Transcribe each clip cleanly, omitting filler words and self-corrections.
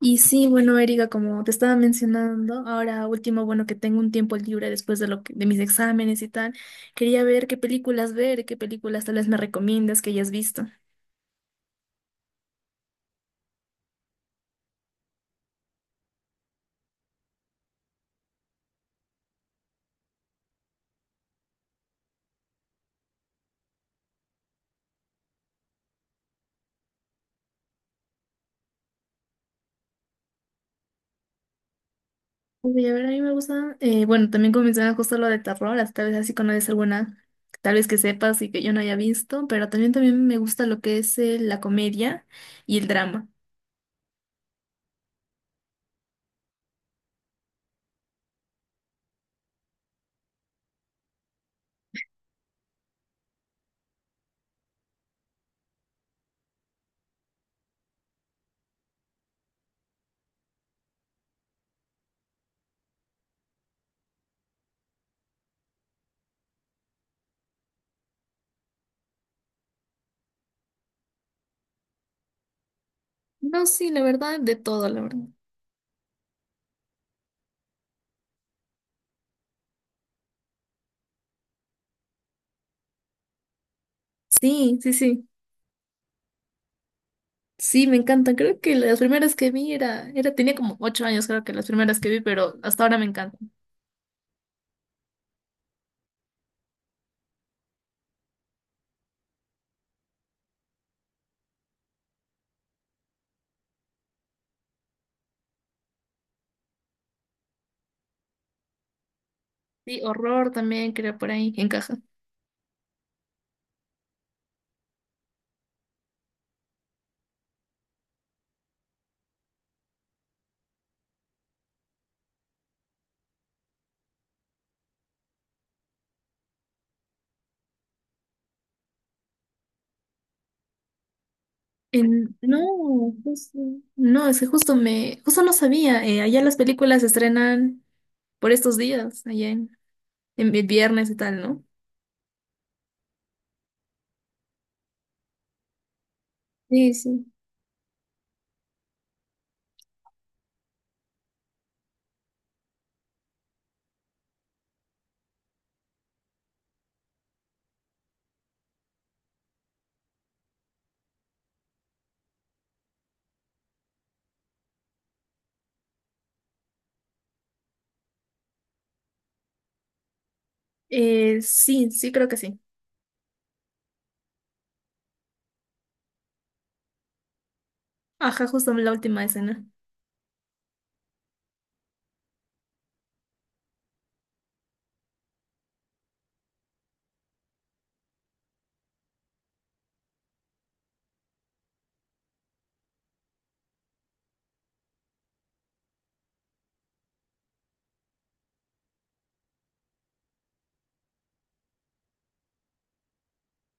Y sí, bueno, Erika, como te estaba mencionando, ahora último, bueno, que tengo un tiempo libre después de de mis exámenes y tal, quería ver, qué películas tal vez me recomiendas que hayas visto. Uy, a ver, a mí me gusta, bueno, también como mencionaba justo lo de terror, hasta tal vez así conoces alguna, tal vez que sepas y que yo no haya visto, pero también me gusta lo que es la comedia y el drama. No, sí, la verdad, de todo, la verdad. Sí, sí, sí. Sí, me encantan. Creo que las primeras que vi era, tenía como ocho años, creo que las primeras que vi, pero hasta ahora me encantan. Sí, horror también, creo, por ahí encaja. En, no, justo- No, es que justo no sabía. Allá las películas se estrenan por estos días, en viernes y tal, ¿no? Sí, sí. Sí, sí, creo que sí. Ajá, justo la última escena.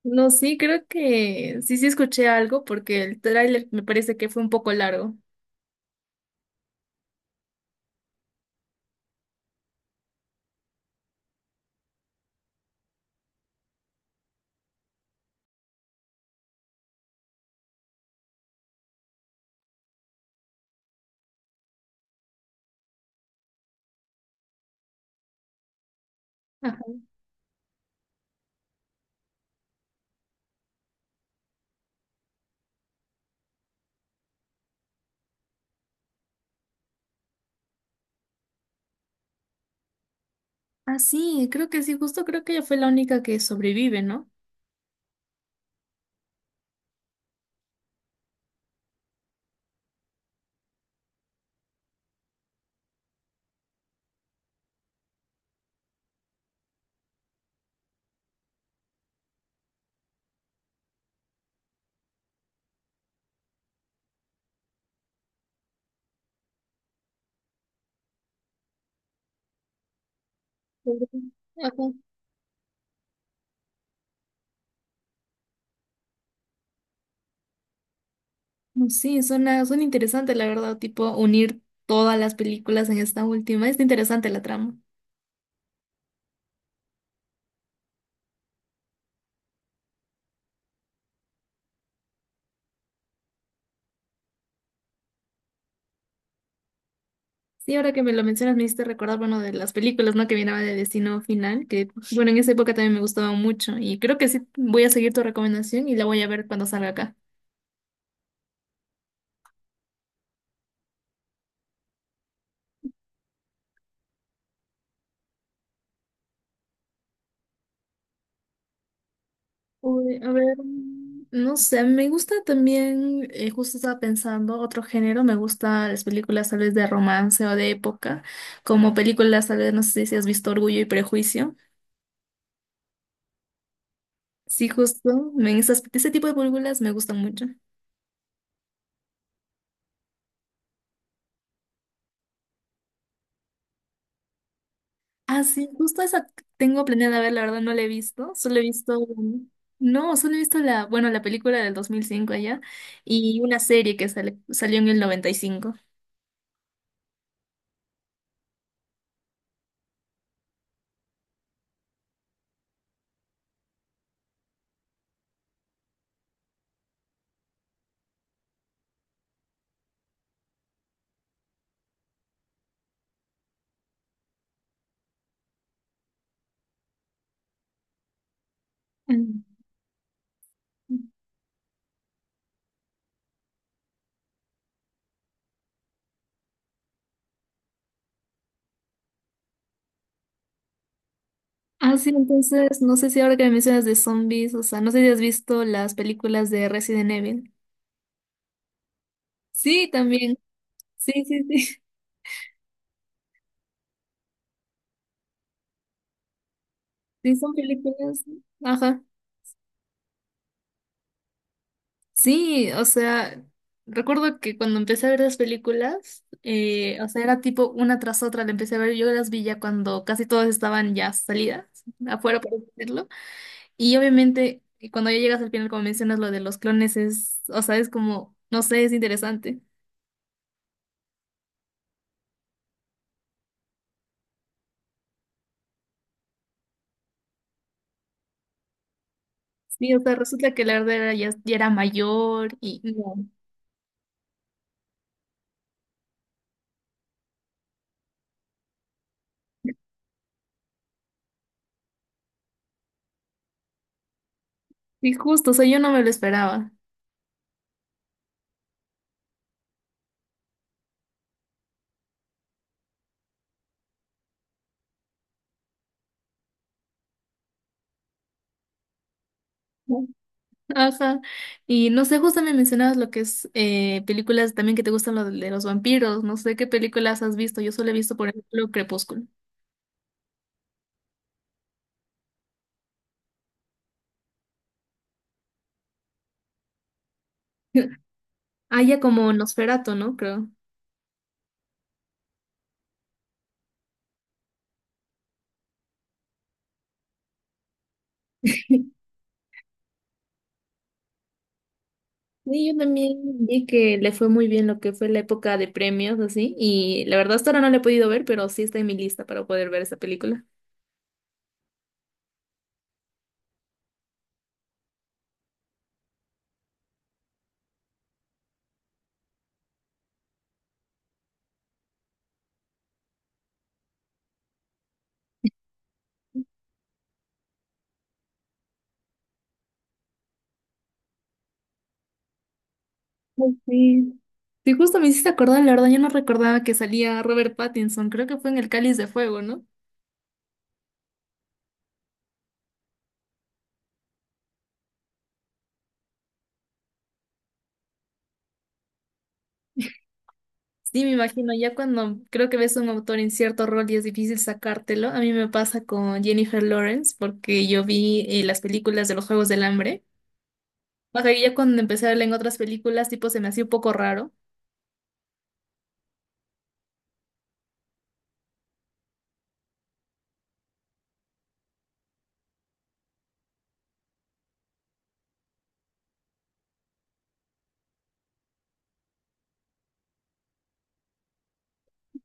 No, sí, creo que sí, sí escuché algo porque el tráiler me parece que fue un poco largo. Ah, sí, creo que sí, justo creo que ella fue la única que sobrevive, ¿no? Ujú. Ajá. Mm, sí, suena interesante, la verdad, tipo unir todas las películas en esta última. Es interesante la trama. Sí, ahora que me lo mencionas, me hiciste recordar, bueno, de las películas, ¿no? Que vienen de Destino Final, que, bueno, en esa época también me gustaban mucho. Y creo que sí, voy a seguir tu recomendación y la voy a ver cuando salga acá. Uy, a ver, mm, no sé, me gusta también, justo estaba pensando, otro género, me gustan las películas tal vez de romance o de época, como películas tal vez, no sé si has visto Orgullo y Prejuicio. Sí, justo, ese tipo de películas me gustan mucho. Ah, sí, justo esa tengo planeada ver, la verdad no la he visto, solo he visto, mm, no, solo he visto la, bueno, la película del 2005 allá y una serie que salió en el 95. Mm. Ah, sí, entonces, no sé si ahora que me mencionas de zombies, o sea, no sé si has visto las películas de Resident Evil. Sí, también. Sí, sí, sí. Sí, son películas. Ajá. Sí, o sea, recuerdo que cuando empecé a ver las películas, o sea, era tipo una tras otra, la empecé a ver, yo las vi ya cuando casi todas estaban ya salidas, afuera, por así decirlo. Y obviamente, cuando ya llegas al final, como mencionas, lo de los clones es, o sea, es como, no sé, es interesante. Sí, o sea, resulta que la Erdera ya era mayor y no. Y justo, o sea, yo no me lo esperaba. ¿No? Ajá. Y no sé, justo me mencionabas lo que es películas también que te gustan lo de los vampiros. No sé qué películas has visto. Yo solo he visto, por ejemplo, Crepúsculo. Ah, ya como Nosferatu, ¿no? Creo. Sí, yo también vi que le fue muy bien lo que fue la época de premios, así, y la verdad hasta ahora no la he podido ver, pero sí está en mi lista para poder ver esa película. Ay, sí. Sí, justo me hiciste acordar, la verdad, yo no recordaba que salía Robert Pattinson, creo que fue en El Cáliz de Fuego, ¿no? Sí, me imagino, ya cuando creo que ves a un autor en cierto rol y es difícil sacártelo, a mí me pasa con Jennifer Lawrence, porque yo vi las películas de los Juegos del Hambre, o sea, ya cuando empecé a verla en otras películas, tipo, se me hacía un poco raro.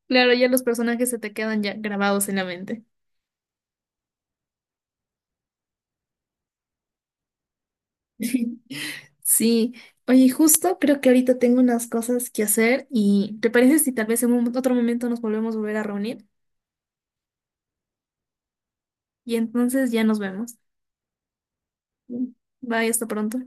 Claro, ya los personajes se te quedan ya grabados en la mente. Sí, oye, justo creo que ahorita tengo unas cosas que hacer y ¿te parece si tal vez en otro momento nos volvemos a volver a reunir? Y entonces ya nos vemos. Bye, hasta pronto.